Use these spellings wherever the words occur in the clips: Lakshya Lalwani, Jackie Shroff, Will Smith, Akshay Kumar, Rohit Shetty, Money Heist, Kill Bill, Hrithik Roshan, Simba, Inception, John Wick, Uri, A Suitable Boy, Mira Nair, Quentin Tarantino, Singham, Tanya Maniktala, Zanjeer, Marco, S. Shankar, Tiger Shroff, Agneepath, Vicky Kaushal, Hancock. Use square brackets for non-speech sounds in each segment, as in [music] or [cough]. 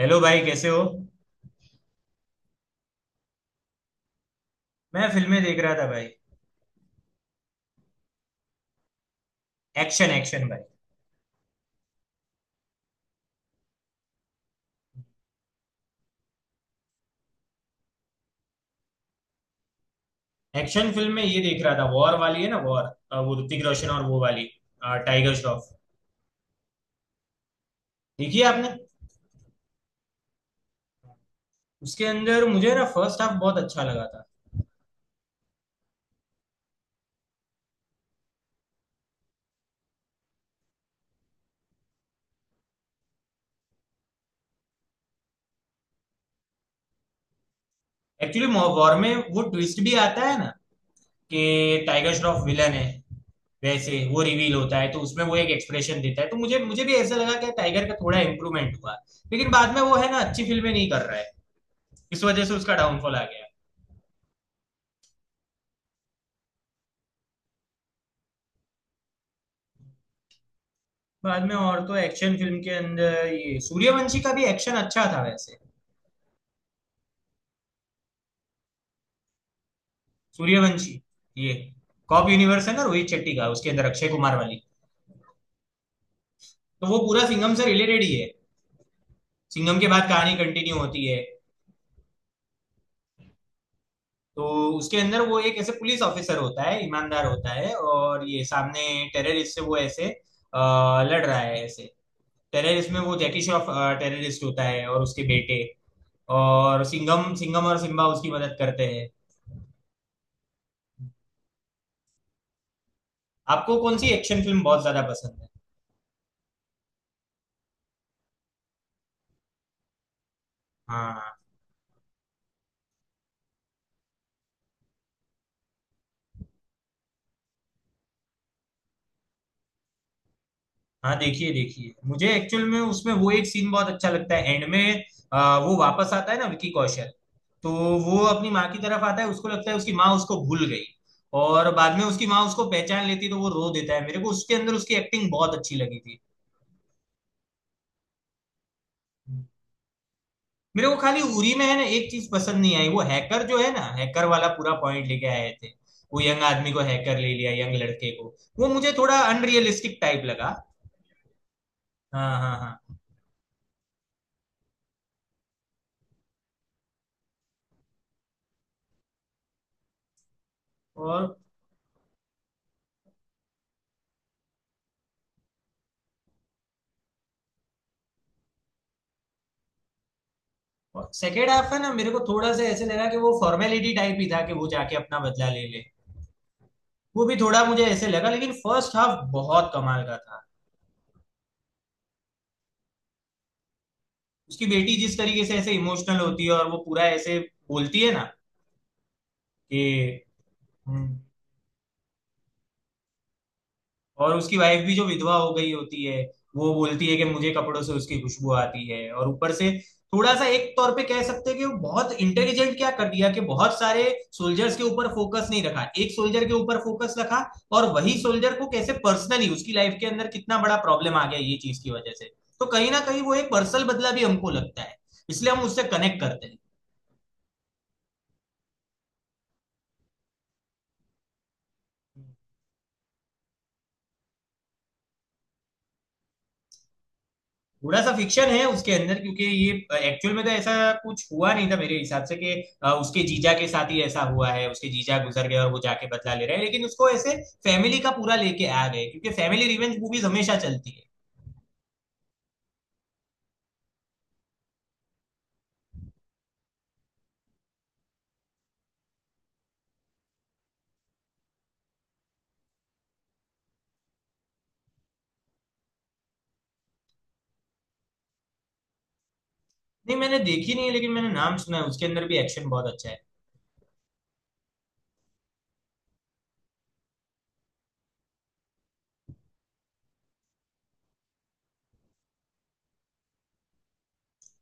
Hello भाई, कैसे हो। मैं फिल्में देख रहा था भाई। एक्शन, एक्शन भाई। एक्शन फिल्म में ये देख रहा था, वॉर वाली है ना, वॉर। वो ऋतिक रोशन और वो वाली टाइगर श्रॉफ। देखिए आपने। उसके अंदर मुझे ना फर्स्ट हाफ बहुत अच्छा लगा था। एक्चुअली वॉर में वो ट्विस्ट भी आता है ना कि टाइगर श्रॉफ विलन है। वैसे वो रिवील होता है तो उसमें वो एक एक्सप्रेशन देता है तो मुझे मुझे भी ऐसा लगा कि टाइगर का थोड़ा इम्प्रूवमेंट हुआ। लेकिन बाद में वो है ना, अच्छी फिल्में नहीं कर रहा है, इस वजह से उसका डाउनफॉल आ गया। बाद में और तो एक्शन फिल्म के अंदर ये सूर्यवंशी का भी एक्शन अच्छा था वैसे। सूर्यवंशी ये कॉप यूनिवर्स है ना, रोहित शेट्टी का, उसके अंदर अक्षय कुमार वाली। तो वो पूरा सिंघम से रिलेटेड ही है। सिंघम के बाद कहानी कंटिन्यू होती है। तो उसके अंदर वो एक ऐसे पुलिस ऑफिसर होता है, ईमानदार होता है, और ये सामने टेररिस्ट से वो ऐसे अ, लड़ रहा है ऐसे। टेररिस्ट में वो जैकी श्रॉफ टेररिस्ट होता है, और उसके बेटे, और सिंघम सिंघम और सिम्बा उसकी मदद करते हैं। आपको कौन सी एक्शन फिल्म बहुत ज्यादा पसंद है? हाँ हाँ, देखिए देखिए। मुझे एक्चुअल में उसमें वो एक सीन बहुत अच्छा लगता है, एंड में वो वापस आता है ना, विकी कौशल। तो वो अपनी माँ की तरफ आता है, उसको लगता है उसकी माँ उसको भूल गई, और बाद में उसकी माँ उसको पहचान लेती है, तो वो रो देता है। मेरे को उसके अंदर उसकी एक्टिंग बहुत अच्छी लगी थी। मेरे को खाली उरी में है ना एक चीज पसंद नहीं आई, वो हैकर जो है ना, हैकर वाला पूरा पॉइंट लेके आए थे। वो यंग आदमी को हैकर ले लिया, यंग लड़के को, वो मुझे थोड़ा अनरियलिस्टिक टाइप लगा। हाँ हाँ हाँ। और सेकेंड हाफ है ना, मेरे को थोड़ा सा ऐसे लगा कि वो फॉर्मेलिटी टाइप ही था, कि वो जाके अपना बदला ले ले। वो भी थोड़ा मुझे ऐसे लगा, लेकिन फर्स्ट हाफ बहुत कमाल का था। उसकी बेटी जिस तरीके से ऐसे इमोशनल होती है, और वो पूरा ऐसे बोलती है ना कि "हम्म"। और उसकी वाइफ भी जो विधवा हो गई होती है, वो बोलती है कि मुझे कपड़ों से उसकी खुशबू आती है। और ऊपर से थोड़ा सा एक तौर पे कह सकते हैं कि वो बहुत इंटेलिजेंट क्या कर दिया, कि बहुत सारे सोल्जर्स के ऊपर फोकस नहीं रखा, एक सोल्जर के ऊपर फोकस रखा, और वही सोल्जर को कैसे पर्सनली उसकी लाइफ के अंदर कितना बड़ा प्रॉब्लम आ गया ये चीज की वजह से। तो कहीं ना कहीं वो एक पर्सनल बदला भी हमको लगता है, इसलिए हम उससे कनेक्ट करते हैं। थोड़ा सा फिक्शन है उसके अंदर, क्योंकि ये एक्चुअल में तो ऐसा कुछ हुआ नहीं था मेरे हिसाब से कि उसके जीजा के साथ ही ऐसा हुआ है, उसके जीजा गुजर गए और वो जाके बदला ले रहे हैं, लेकिन उसको ऐसे फैमिली का पूरा लेके आ गए क्योंकि फैमिली रिवेंज मूवीज हमेशा चलती है। नहीं, मैंने देखी नहीं है, लेकिन मैंने नाम सुना है। उसके अंदर भी एक्शन बहुत अच्छा है।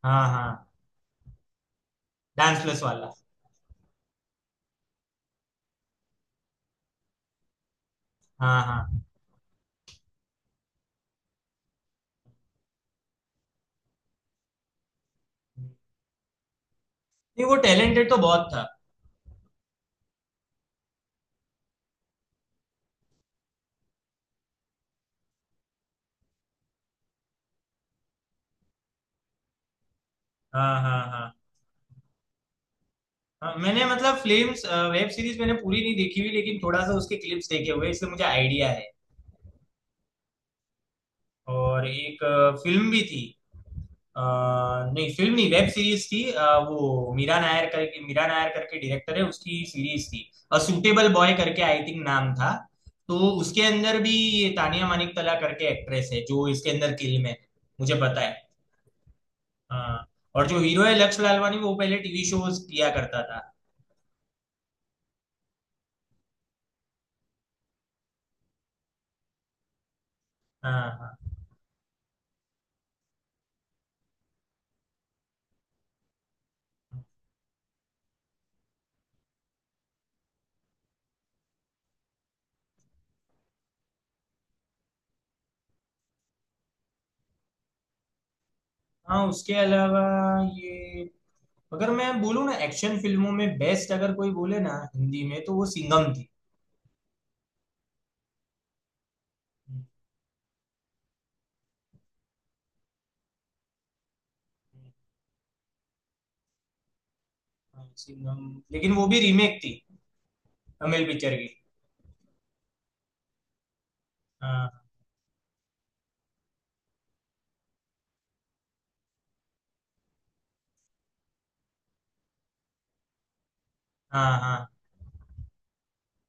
हाँ हाँ। डांस प्लस वाला। हाँ हाँ। नहीं, वो टैलेंटेड तो बहुत था। हाँ हाँ हाँ। हाँ, मैंने मतलब फिल्म्स, वेब सीरीज मैंने पूरी नहीं देखी हुई, लेकिन थोड़ा सा उसके क्लिप्स देखे हुए हैं, इसलिए मुझे आइडिया है। और एक फिल्म भी थी, अ, नहीं फिल्म नहीं, वेब सीरीज थी। वो मीरा नायर करके, मीरा नायर करके डायरेक्टर है, उसकी सीरीज थी, अ सूटेबल बॉय करके, आई थिंक नाम था। तो उसके अंदर भी ये तानिया मानिक तला करके एक्ट्रेस है, जो इसके अंदर किल में है, मुझे पता है। हाँ। और जो हीरो है लक्ष्य लालवानी, वो पहले टीवी शोज किया करता था। हाँ हाँ हाँ। उसके अलावा ये, अगर मैं बोलूँ ना एक्शन फिल्मों में बेस्ट अगर कोई बोले ना हिंदी में, तो वो सिंघम थी। हाँ, सिंघम लेकिन वो भी रीमेक थी, तमिल पिक्चर की। हाँ हाँ हाँ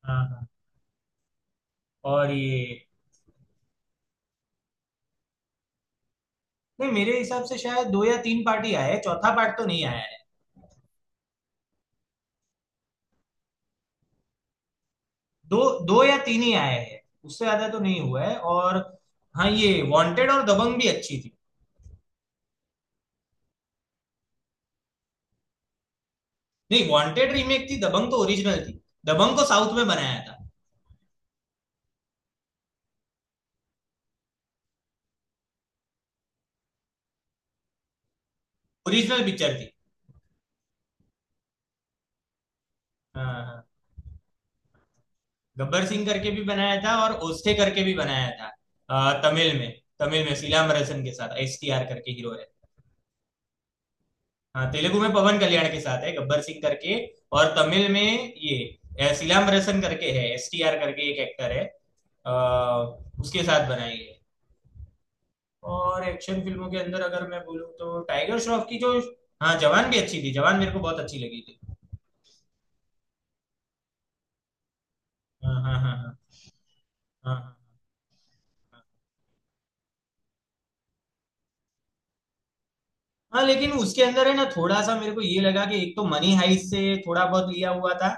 हाँ हाँ। और ये, नहीं मेरे हिसाब से शायद दो या तीन पार्ट ही आए हैं, चौथा पार्ट तो नहीं आया है। दो, दो या तीन ही आए हैं, उससे ज्यादा तो नहीं हुआ है। और हाँ, ये वांटेड और दबंग भी अच्छी थी। नहीं, वांटेड रीमेक थी, दबंग तो ओरिजिनल थी। दबंग को साउथ में बनाया था, ओरिजिनल पिक्चर थी। हाँ हाँ। गब्बर सिंह करके भी बनाया था, और ओस्टे करके भी बनाया था, तमिल में। तमिल में सीलामरसन के साथ, एस टी आर करके हीरो। हाँ, तेलुगु में पवन कल्याण के साथ है, गब्बर सिंह करके। और तमिल में ये सिलाम्बरसन करके है, एस टी आर करके एक एक्टर है, अ, उसके साथ बनाई है। और एक्शन फिल्मों के अंदर अगर मैं बोलूँ तो टाइगर श्रॉफ की जो, हाँ जवान भी अच्छी थी, जवान मेरे को बहुत अच्छी लगी थी। हाँ हाँ हाँ हाँ। हाँ हाँ। हाँ। हाँ, लेकिन उसके अंदर है ना, थोड़ा सा मेरे को ये लगा कि एक तो मनी हाइस्ट से थोड़ा बहुत लिया हुआ था,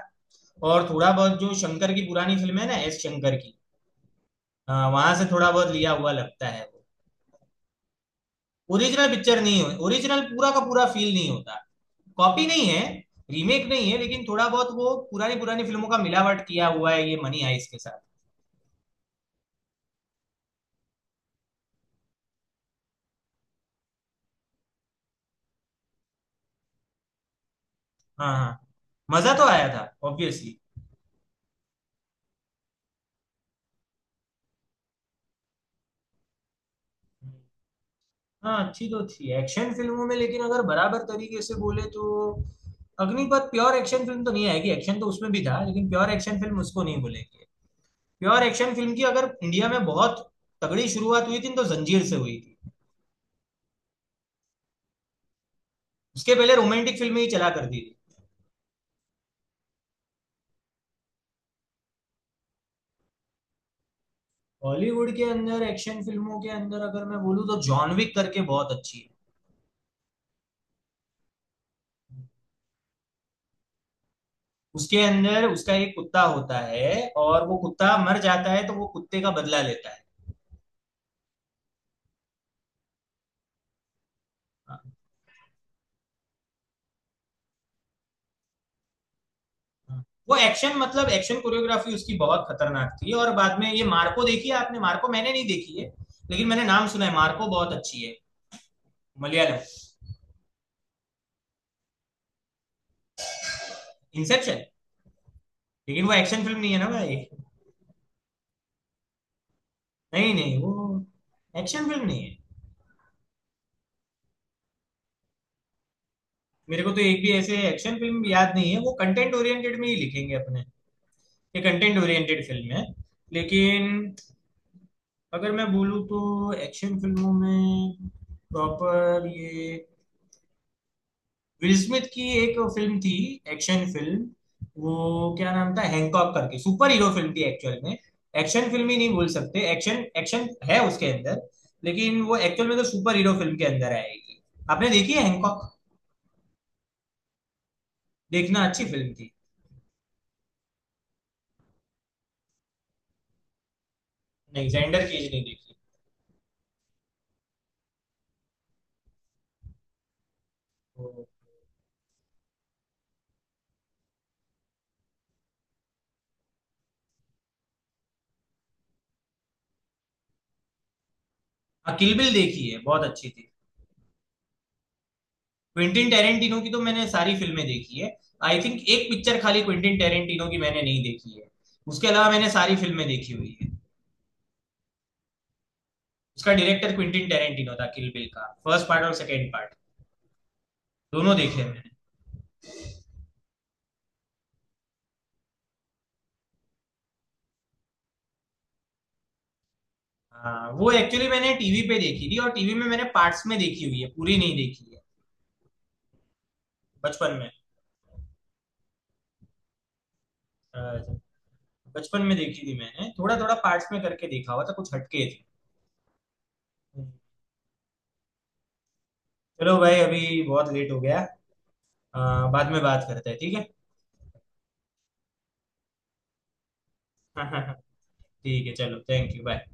और थोड़ा बहुत जो शंकर की पुरानी फिल्म है ना, एस शंकर की, हाँ, वहां से थोड़ा बहुत लिया हुआ लगता है वो। ओरिजिनल पिक्चर नहीं हो, ओरिजिनल पूरा का पूरा फील नहीं होता। कॉपी नहीं है, रीमेक नहीं है, लेकिन थोड़ा बहुत वो पुरानी पुरानी फिल्मों का मिलावट किया हुआ है ये मनी आइस के साथ। हाँ हाँ। मजा तो आया था, ऑब्वियसली। हाँ, अच्छी तो थी एक्शन फिल्मों में, लेकिन अगर बराबर तरीके से बोले तो अग्निपथ प्योर एक्शन फिल्म तो नहीं आएगी। एक्शन तो उसमें भी था, लेकिन प्योर एक्शन फिल्म उसको नहीं बोलेंगे। प्योर एक्शन फिल्म की अगर इंडिया में बहुत तगड़ी शुरुआत हुई थी, तो जंजीर से हुई थी। उसके पहले रोमांटिक फिल्में ही चला करती थी। बॉलीवुड के अंदर एक्शन फिल्मों के अंदर अगर मैं बोलूँ तो जॉन विक करके बहुत अच्छी है। उसके अंदर उसका एक कुत्ता होता है, और वो कुत्ता मर जाता है, तो वो कुत्ते का बदला लेता है। हाँ, हाँ। वो एक्शन मतलब एक्शन कोरियोग्राफी उसकी बहुत खतरनाक थी। और बाद में ये मार्को, देखी है आपने मार्को? मैंने नहीं देखी है, लेकिन मैंने नाम सुना है, मार्को बहुत अच्छी है। मलयालम। इंसेप्शन लेकिन वो एक्शन फिल्म नहीं है ना भाई। नहीं नहीं, वो एक्शन फिल्म नहीं है। मेरे को तो एक भी ऐसे एक्शन फिल्म याद नहीं है, वो कंटेंट ओरिएंटेड में ही लिखेंगे अपने। ये कंटेंट ओरिएंटेड फिल्म है। लेकिन अगर मैं बोलूँ तो एक्शन फिल्मों में प्रॉपर ये, विल स्मिथ की एक फिल्म थी, एक्शन फिल्म, वो क्या नाम था, हैंकॉक करके। सुपर हीरो फिल्म थी एक्चुअल में, एक्शन फिल्म ही नहीं बोल सकते, एक्शन एक्शन है उसके अंदर, लेकिन वो एक्चुअल में तो सुपर हीरो फिल्म के अंदर आएगी। आपने देखी है हैंकॉक? देखना, अच्छी फिल्म थी। नहीं, जेंडर केज नहीं देखी। वो हाँ, किल बिल देखी है, बहुत अच्छी थी। क्विंटिन टेरेंटिनो की तो मैंने सारी फिल्में देखी है। आई थिंक एक पिक्चर खाली क्विंटिन टेरेंटिनो की मैंने नहीं देखी है, उसके अलावा मैंने सारी फिल्में देखी हुई है। उसका डायरेक्टर क्विंटिन टेरेंटिनो था, किल बिल का फर्स्ट पार्ट और सेकेंड पार्ट दोनों देखे हैं मैंने। हाँ, वो एक्चुअली मैंने टीवी पे देखी थी, और टीवी में मैंने पार्ट्स में देखी हुई है, पूरी नहीं देखी है। बचपन में अ, बचपन में देखी थी मैंने, थोड़ा थोड़ा पार्ट्स में करके देखा हुआ था, कुछ हटके थे। चलो भाई, अभी बहुत लेट हो गया, अ, बाद में बात करते हैं, ठीक है? [laughs] ठीक है चलो, थैंक यू, बाय।